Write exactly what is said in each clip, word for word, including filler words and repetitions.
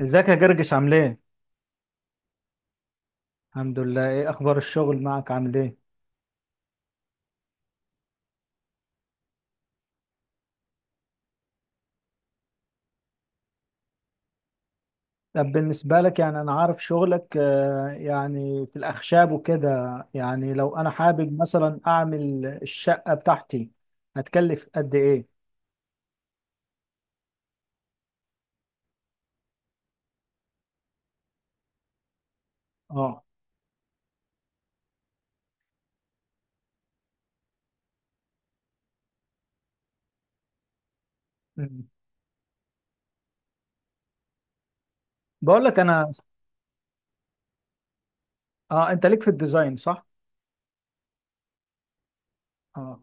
ازيك يا جرجس، عامل ايه؟ الحمد لله. ايه اخبار الشغل معك عامل ايه؟ طب بالنسبة لك يعني، انا عارف شغلك، آه، يعني في الاخشاب وكده، يعني لو انا حابب مثلا اعمل الشقة بتاعتي هتكلف قد ايه؟ اه. مم. بقول لك انا. اه، انت ليك في الديزاين صح؟ اه.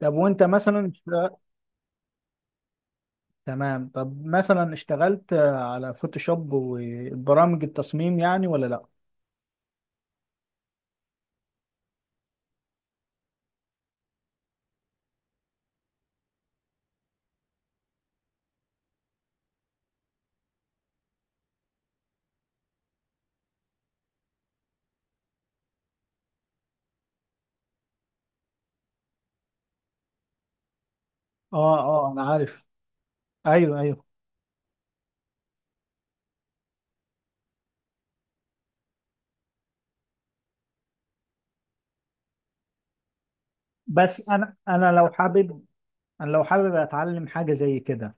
طب وانت مثلا اشت- تمام. طب مثلا اشتغلت آه، على فوتوشوب وبرامج التصميم يعني، ولا لا؟ اه، اه، انا عارف. ايوه، ايوه. بس انا انا لو حابب، انا لو حابب اتعلم حاجه زي كده،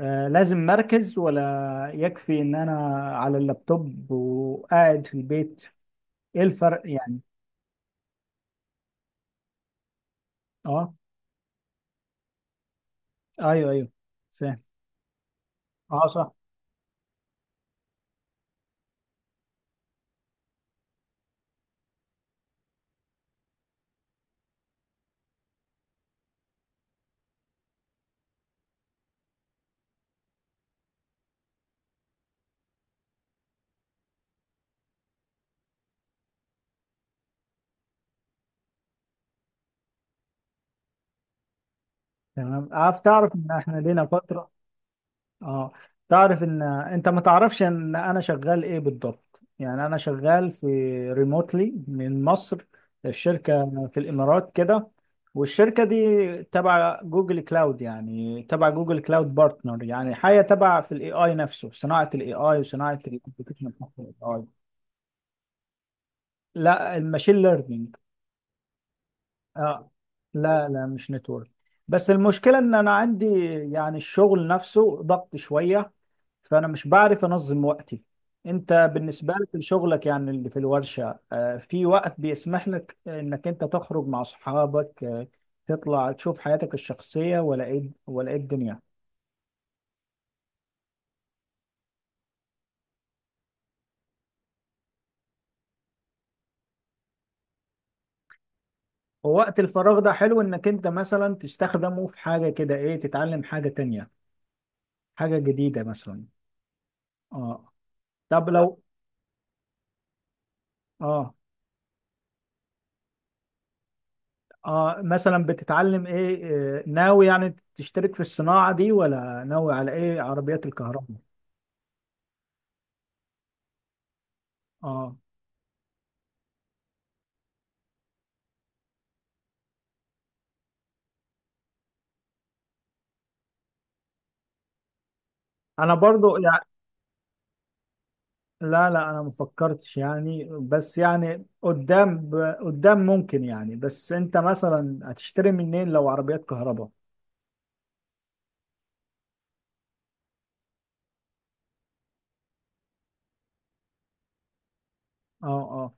آه لازم مركز، ولا يكفي ان انا على اللابتوب وقاعد في البيت؟ ايه الفرق يعني؟ اه. ايوه، ايوه، فاهم. اه، صح. تمام. عارف، تعرف ان احنا لينا فتره. اه. تعرف ان انت ما تعرفش ان انا شغال ايه بالضبط؟ يعني انا شغال في ريموتلي من مصر، في شركة في الامارات كده. والشركة دي تبع جوجل كلاود، يعني تبع جوجل كلاود بارتنر، يعني حاجة تبع في الاي اي نفسه، صناعة الاي اي وصناعة الابلكيشن بتاع الاي اي. لا، الماشين ليرنينج. اه. لا، لا، مش نتورك. بس المشكلة ان انا عندي، يعني الشغل نفسه ضغط شوية، فانا مش بعرف انظم وقتي. انت بالنسبة لك لشغلك، يعني اللي في الورشة، آه، في وقت بيسمح لك انك انت تخرج مع اصحابك، آه، تطلع تشوف حياتك الشخصية، ولا ايه، ولا ايه الدنيا؟ ووقت الفراغ ده حلو انك انت مثلا تستخدمه في حاجة كده، ايه، تتعلم حاجة تانية، حاجة جديدة مثلا. اه. طب لو. اه، اه، مثلا بتتعلم ايه؟ آه، ناوي يعني تشترك في الصناعة دي، ولا ناوي على ايه؟ عربيات الكهرباء؟ اه، انا برضو يعني. لا، لا، انا مفكرتش يعني، بس يعني قدام ب... قدام ممكن يعني. بس انت مثلا هتشتري منين لو عربيات كهرباء؟ اه، اه.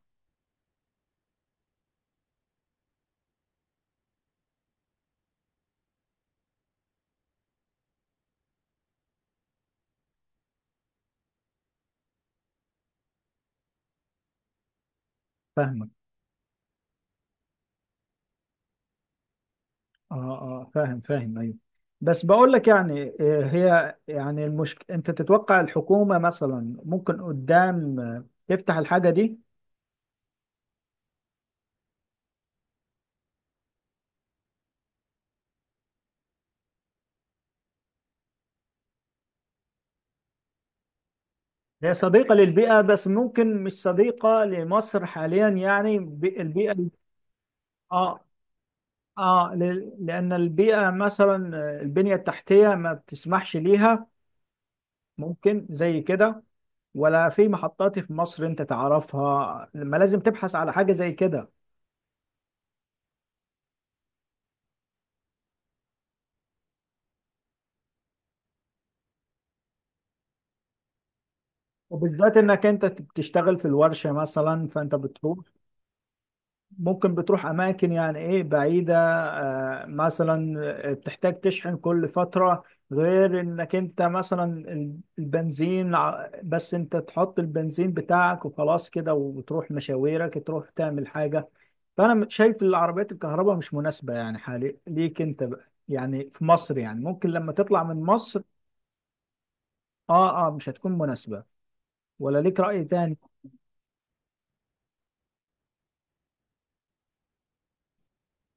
فاهمك. اه، اه، فاهم، فاهم، ايوه. بس بقول لك يعني، آه، هي يعني المشكلة، انت تتوقع الحكومة مثلا ممكن قدام آه، تفتح الحاجة دي؟ هي صديقة للبيئة، بس ممكن مش صديقة لمصر حاليا، يعني بي- البيئة. اه، اه، ل- لأن البيئة مثلا، آه، البنية التحتية ما بتسمحش ليها، ممكن زي كده. ولا في محطات في مصر انت تعرفها لما لازم تبحث على حاجة زي كده؟ وبالذات انك انت بتشتغل في الورشة مثلا، فانت بتروح، ممكن بتروح اماكن يعني، ايه، بعيده، آه، مثلا، آه، بتحتاج تشحن كل فتره، غير انك انت مثلا ال- البنزين، ع- بس انت تحط البنزين بتاعك وخلاص كده، وتروح مشاويرك تروح تعمل حاجه. فانا م- شايف العربيات الكهرباء مش مناسبه يعني حالي ليك انت بقى، يعني في مصر، يعني ممكن لما تطلع من مصر. اه، اه، مش هتكون مناسبه. ولا ليك رأي تاني؟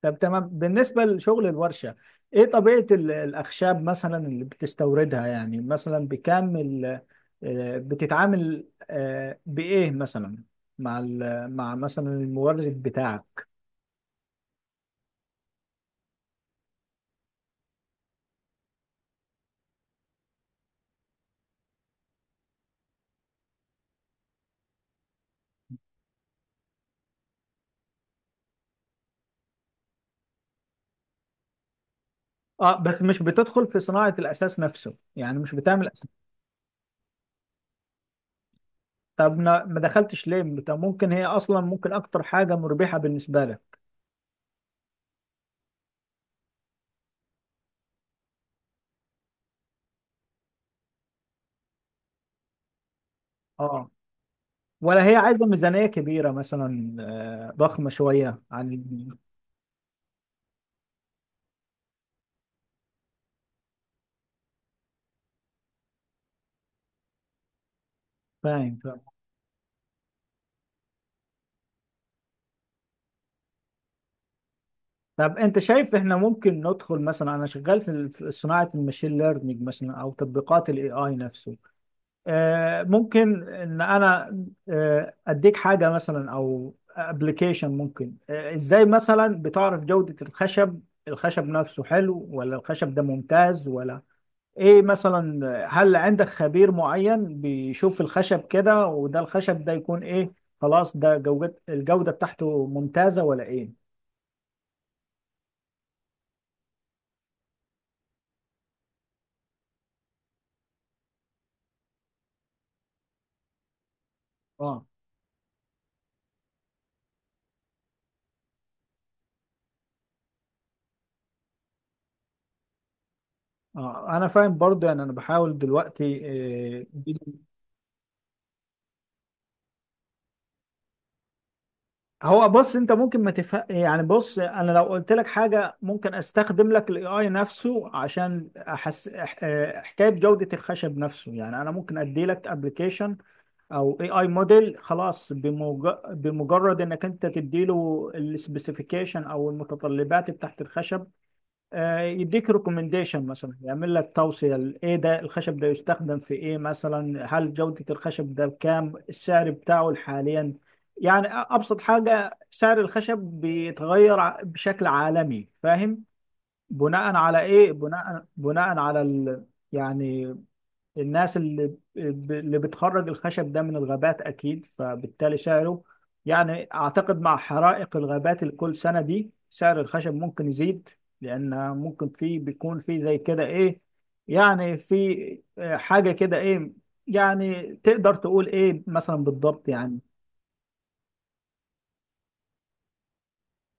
طب تمام. بالنسبة لشغل الورشة، ايه طبيعة ال- الأخشاب مثلا اللي بتستوردها؟ يعني مثلا بكام ال- آه، بتتعامل آه، بإيه مثلا، مع ال- مع مثلا المورد بتاعك؟ اه. بس مش بتدخل في صناعة الأساس نفسه يعني؟ مش بتعمل أساس؟ طب ما ما دخلتش ليه؟ طب ممكن هي أصلا ممكن أكتر حاجة مربحة بالنسبة لك. اه. ولا هي عايزة ميزانية كبيرة مثلا، آه، ضخمة شوية عن؟ فاهم. طب انت شايف احنا ممكن ندخل؟ مثلا انا شغال في ال- في صناعه الماشين ليرنينج مثلا، او تطبيقات الاي اي نفسه. آه ممكن ان انا آه اديك حاجه مثلا، او ابلكيشن، ممكن آه ازاي مثلا بتعرف جوده الخشب؟ الخشب نفسه حلو، ولا الخشب ده ممتاز، ولا ايه مثلا؟ آه، هل عندك خبير معين بيشوف الخشب كده، وده الخشب ده يكون ايه؟ خلاص ده جودة، الجوده بتاعته ممتازه ولا ايه؟ اه، اه، انا فاهم برضو يعني، انا بحاول دلوقتي، آه، هو بص، انت ممكن ما تفهم يعني. بص انا لو قلت لك حاجه، ممكن استخدم لك الاي اي نفسه عشان احس إح- آه، حكايه جوده الخشب نفسه. يعني انا ممكن ادي لك ابلكيشن، او اي اي موديل، خلاص بمج- بمجرد انك انت تدي له السبيسيفيكيشن او المتطلبات بتاعت الخشب، آه، يديك ريكومنديشن مثلا، يعمل لك توصية ل- ايه، ده الخشب ده يستخدم في ايه مثلا، هل جودة الخشب ده بكام، السعر بتاعه حاليا؟ يعني أ- ابسط حاجة، سعر الخشب بيتغير ع- بشكل عالمي، فاهم؟ بناء على ايه، بناء بناء على ال... يعني الناس اللي اللي بتخرج الخشب ده من الغابات، أكيد فبالتالي سعره. يعني أعتقد مع حرائق الغابات اللي كل سنة دي، سعر الخشب ممكن يزيد. لأن ممكن في، بيكون في زي كده إيه، يعني في، آه، حاجة كده إيه، يعني تقدر تقول إيه مثلا بالضبط يعني؟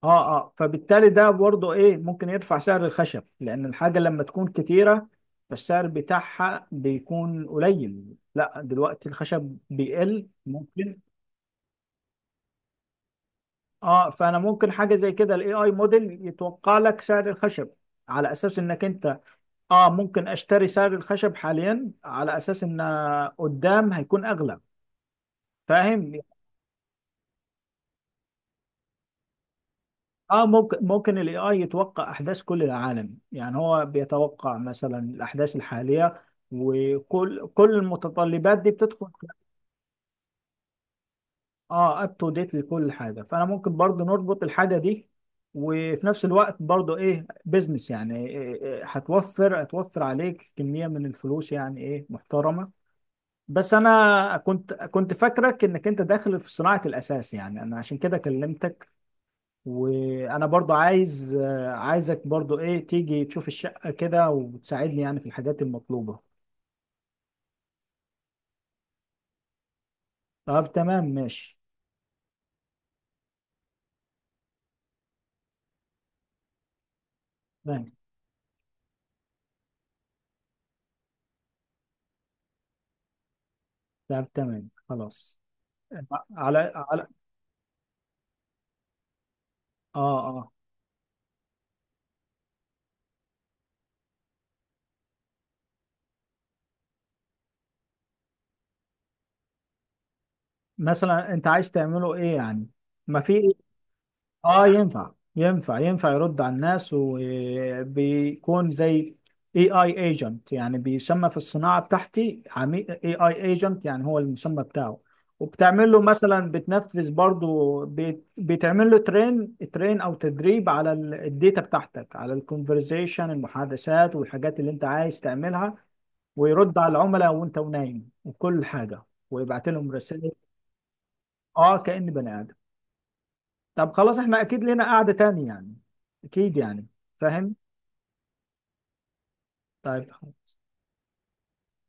اه، اه، فبالتالي ده برضه، ايه، ممكن يرفع سعر الخشب، لان الحاجه لما تكون كتيره فالسعر بتاعها بيكون قليل. لا دلوقتي الخشب بيقل ممكن. اه، فانا ممكن حاجه زي كده، الاي اي موديل يتوقع لك سعر الخشب، على اساس انك انت، اه، ممكن اشتري سعر الخشب حاليا على اساس ان قدام هيكون اغلى، فاهم؟ اه، ممكن ممكن الاي اي يتوقع احداث كل العالم، يعني هو بيتوقع مثلا الاحداث الحاليه، وكل كل المتطلبات دي بتدخل في- اه، اب تو ديت لكل حاجه، فانا ممكن برضو نربط الحاجه دي، وفي نفس الوقت برضو ايه، بزنس. يعني إيه إيه هتوفر هتوفر عليك كميه من الفلوس يعني، ايه، محترمه. بس انا كنت كنت فاكرك انك انت داخل في صناعه الاساس، يعني انا عشان كده كلمتك. وانا برضو عايز آه، عايزك برضو، ايه، تيجي تشوف الشقة كده وتساعدني يعني في الحاجات المطلوبة. طب تمام، ماشي. تمام. طب تمام، خلاص. على على اه، اه، مثلا انت عايز تعمله ايه يعني؟ ما في. اه، ينفع، ينفع، ينفع يرد على الناس، وبيكون زي اي اي ايجنت، يعني بيسمى في الصناعه بتاعتي عميل اي اي ايجنت، يعني هو المسمى بتاعه. وبتعمل له مثلا، بتنفذ برضو بت- بتعمل له ترين ترين او تدريب على ال- الداتا بتاعتك، على الكونفرزيشن، المحادثات والحاجات اللي انت عايز تعملها. ويرد على العملاء وانت ونايم وكل حاجه، ويبعت لهم رسائل. اه، كأني بني آدم. طب خلاص، احنا اكيد لنا قعدة تاني يعني، اكيد يعني، فاهم. طيب خلاص.